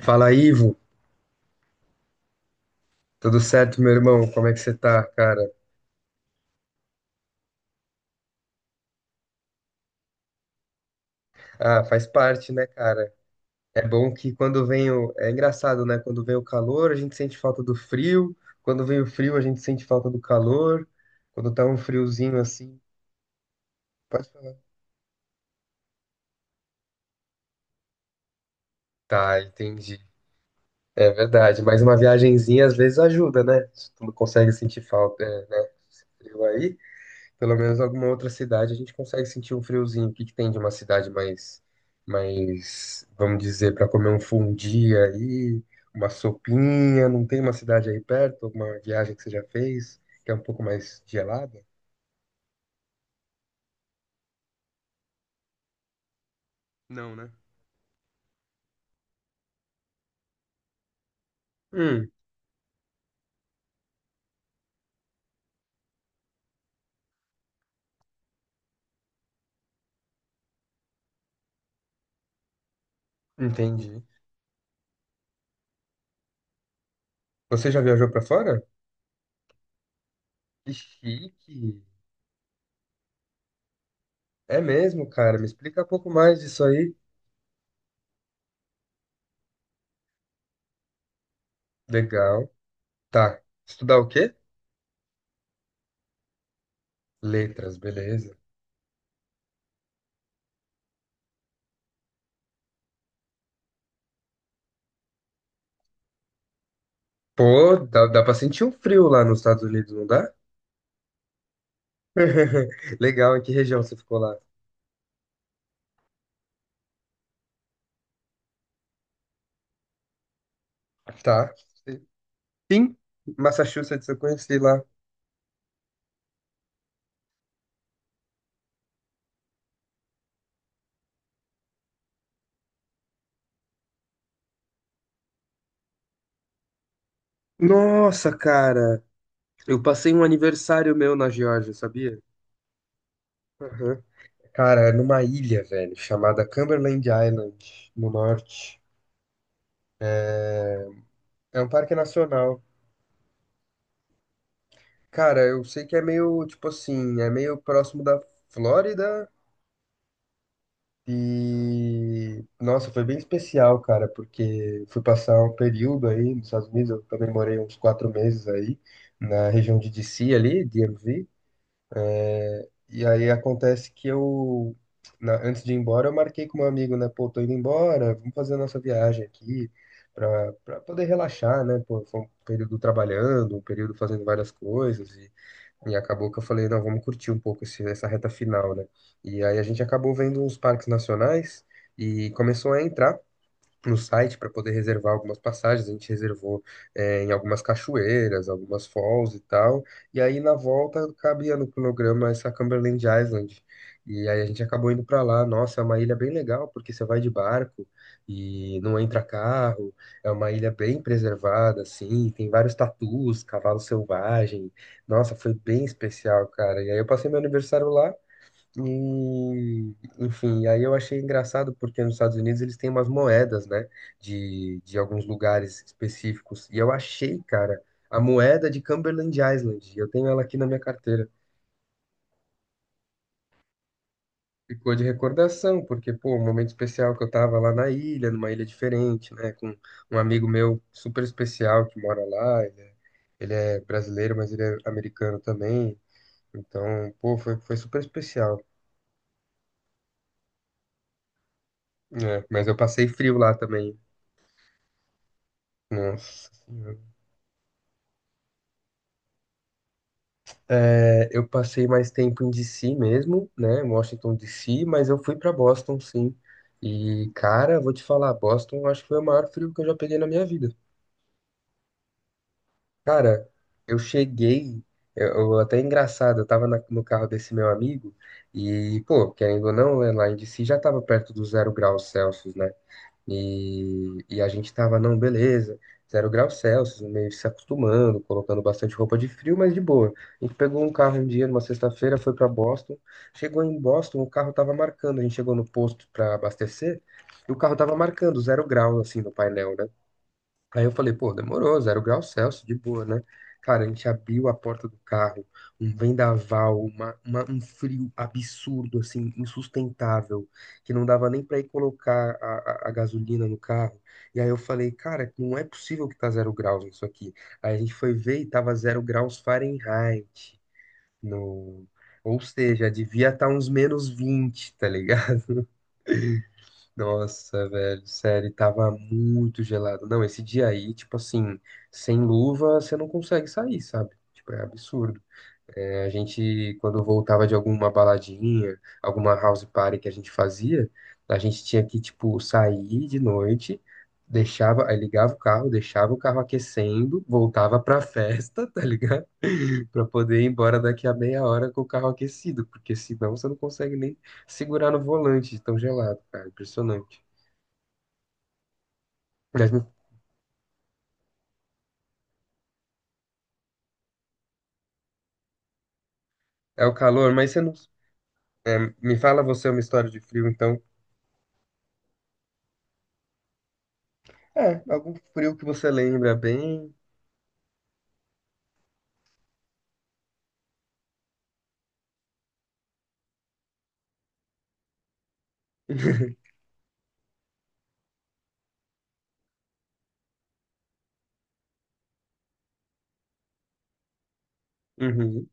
Fala, Ivo. Tudo certo, meu irmão? Como é que você tá, cara? Ah, faz parte, né, cara? É bom que quando vem o. É engraçado, né? Quando vem o calor, a gente sente falta do frio. Quando vem o frio, a gente sente falta do calor. Quando tá um friozinho assim. Pode falar. Tá, entendi. É verdade. Mas uma viagenzinha às vezes ajuda, né? Se tu não consegue sentir falta, é, né? Frio aí. Pelo menos alguma outra cidade a gente consegue sentir um friozinho. O que que tem de uma cidade mais, vamos dizer, para comer um fundi aí, uma sopinha? Não tem uma cidade aí perto, alguma viagem que você já fez que é um pouco mais gelada? Não, né? Hum, entendi. Você já viajou pra fora? Que chique. É mesmo, cara. Me explica um pouco mais disso aí. Legal. Tá. Estudar o quê? Letras, beleza. Pô, dá pra sentir um frio lá nos Estados Unidos, não dá? Legal, em que região você ficou lá? Tá. Sim, Massachusetts, eu conheci lá. Nossa, cara, eu passei um aniversário meu na Geórgia, sabia? Aham. Cara, é numa ilha, velho, chamada Cumberland Island, no norte. É um parque nacional. Cara, eu sei que é meio, tipo assim, é meio próximo da Flórida. E nossa, foi bem especial, cara, porque fui passar um período aí nos Estados Unidos, eu também morei uns 4 meses aí, na região de DC ali, DMV. E aí acontece que eu, antes de ir embora, eu marquei com um amigo, né? Pô, tô indo embora, vamos fazer a nossa viagem aqui pra, poder relaxar, né? Pô, foi um período trabalhando, um período fazendo várias coisas e acabou que eu falei, não, vamos curtir um pouco esse, essa reta final, né? E aí a gente acabou vendo uns parques nacionais e começou a entrar no site para poder reservar algumas passagens. A gente reservou em algumas cachoeiras, algumas falls e tal. E aí na volta cabia no cronograma essa Cumberland Island. E aí a gente acabou indo para lá. Nossa, é uma ilha bem legal porque você vai de barco e não entra carro. É uma ilha bem preservada, assim. Tem vários tatus, cavalo selvagem. Nossa, foi bem especial, cara. E aí eu passei meu aniversário lá. E, enfim, aí eu achei engraçado porque nos Estados Unidos eles têm umas moedas, né, de alguns lugares específicos. E eu achei, cara, a moeda de Cumberland Island. Eu tenho ela aqui na minha carteira. Ficou de recordação, porque, pô, um momento especial que eu tava lá na ilha, numa ilha diferente, né, com um amigo meu super especial que mora lá. Ele é brasileiro, mas ele é americano também. Então, pô, foi super especial, né? Mas eu passei frio lá também. Nossa senhora. É, eu passei mais tempo em DC mesmo, né? Em Washington DC, mas eu fui para Boston, sim. E, cara, vou te falar, Boston acho que foi o maior frio que eu já peguei na minha vida. Cara, eu cheguei, eu- até é engraçado, eu tava no carro desse meu amigo e, pô, querendo ou não, né, lá em DC já tava perto dos 0 graus Celsius, né? E a gente tava, não, beleza, 0 graus Celsius, meio se acostumando, colocando bastante roupa de frio, mas de boa. A gente pegou um carro um dia, numa sexta-feira, foi para Boston. Chegou em Boston, o carro tava marcando. A gente chegou no posto para abastecer e o carro tava marcando 0 graus assim, no painel, né? Aí eu falei, pô, demorou, 0 graus Celsius, de boa, né? Cara, a gente abriu a porta do carro, um vendaval, um frio absurdo, assim, insustentável, que não dava nem pra ir colocar a gasolina no carro. E aí eu falei, cara, não é possível que tá 0 graus isso aqui. Aí a gente foi ver e tava 0 graus Fahrenheit no. Ou seja, devia estar uns -20. Tá, nossa, velho, sério, tava muito gelado. Não, esse dia aí, tipo assim, sem luva, você não consegue sair, sabe? Tipo, é absurdo. É, a gente, quando voltava de alguma baladinha, alguma house party que a gente fazia, a gente tinha que, tipo, sair de noite, deixava, aí ligava o carro, deixava o carro aquecendo, voltava pra festa, tá ligado? Pra poder ir embora daqui a meia hora com o carro aquecido, porque senão você não consegue nem segurar no volante de tão gelado, cara. Impressionante. Mas é o calor, mas você não. É, me fala você uma história de frio, então. É, algum frio que você lembra bem. Uhum.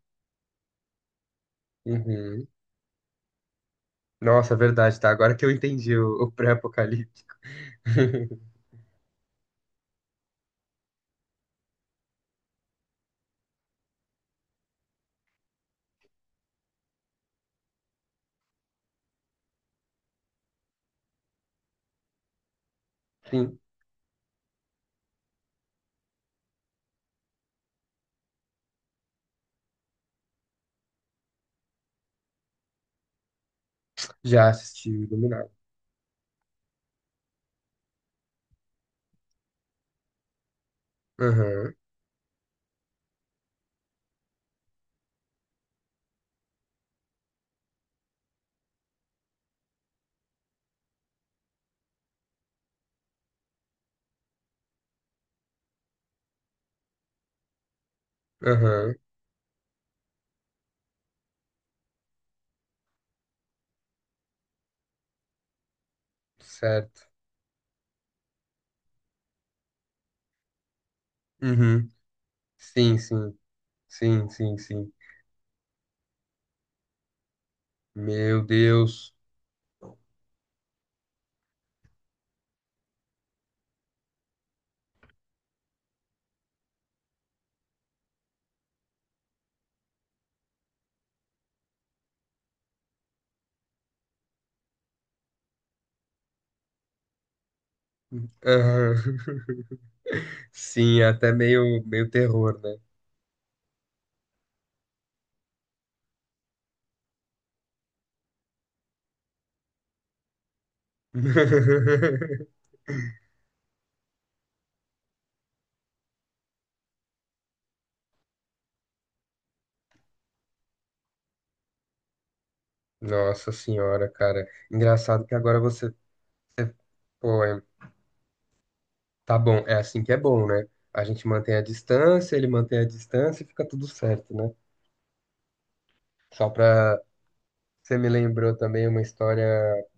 Uhum. Nossa, é verdade, tá? Agora que eu entendi o pré apocalipse. Sim, já assisti o Iluminado. Aham, aham, certo. Uhum. Sim, sim, sim, sim, sim. Meu Deus. Aham. Sim, é até meio, meio terror, né? Nossa senhora, cara. Engraçado que agora você. Pô, tá bom, é assim que é bom, né? A gente mantém a distância, ele mantém a distância e fica tudo certo, né? Só pra Você me lembrou também uma história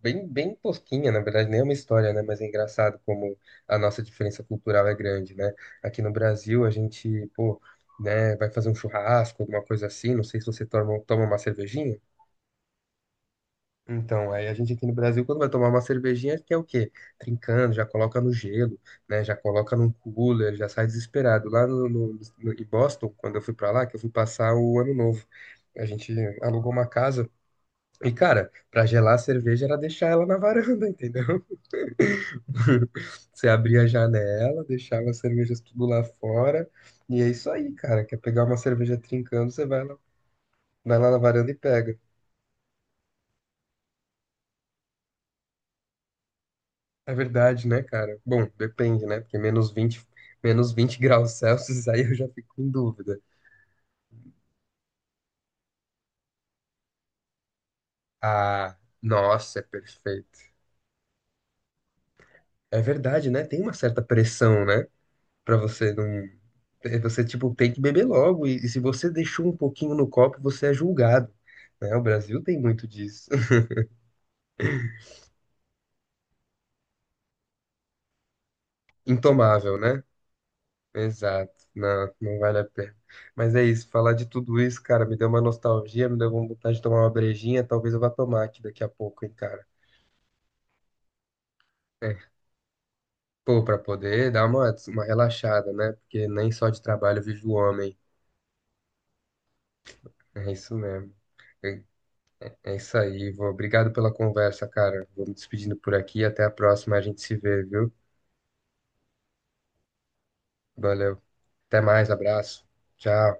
bem, bem tosquinha, na verdade, nem é uma história, né? Mas é engraçado como a nossa diferença cultural é grande, né? Aqui no Brasil, a gente, pô, né, vai fazer um churrasco, alguma coisa assim, não sei se você toma uma cervejinha. Então, aí a gente aqui no Brasil, quando vai tomar uma cervejinha, quer o quê? Trincando, já coloca no gelo, né? Já coloca num cooler, já sai desesperado. Lá em Boston, quando eu fui pra lá, que eu fui passar o ano novo, a gente alugou uma casa e, cara, pra gelar a cerveja era deixar ela na varanda, entendeu? Você abria a janela, deixava as cervejas tudo lá fora. E é isso aí, cara. Quer pegar uma cerveja trincando, você vai lá na varanda e pega. É verdade, né, cara? Bom, depende, né? Porque -20, -20 graus Celsius, aí eu já fico em dúvida. Ah, nossa, é perfeito. É verdade, né? Tem uma certa pressão, né? Pra você não. Você, tipo, tem que beber logo, e se você deixou um pouquinho no copo, você é julgado, né? O Brasil tem muito disso. Intomável, né? Exato. Não, não vale a pena. Mas é isso, falar de tudo isso, cara, me deu uma nostalgia, me deu uma vontade de tomar uma brejinha, talvez eu vá tomar aqui daqui a pouco, hein, cara. É. Pô, pra poder dar uma relaxada, né? Porque nem só de trabalho vive o homem. É isso mesmo. É isso aí, Ivo. Obrigado pela conversa, cara. Vou me despedindo por aqui. Até a próxima. A gente se vê, viu? Valeu. Até mais. Abraço. Tchau.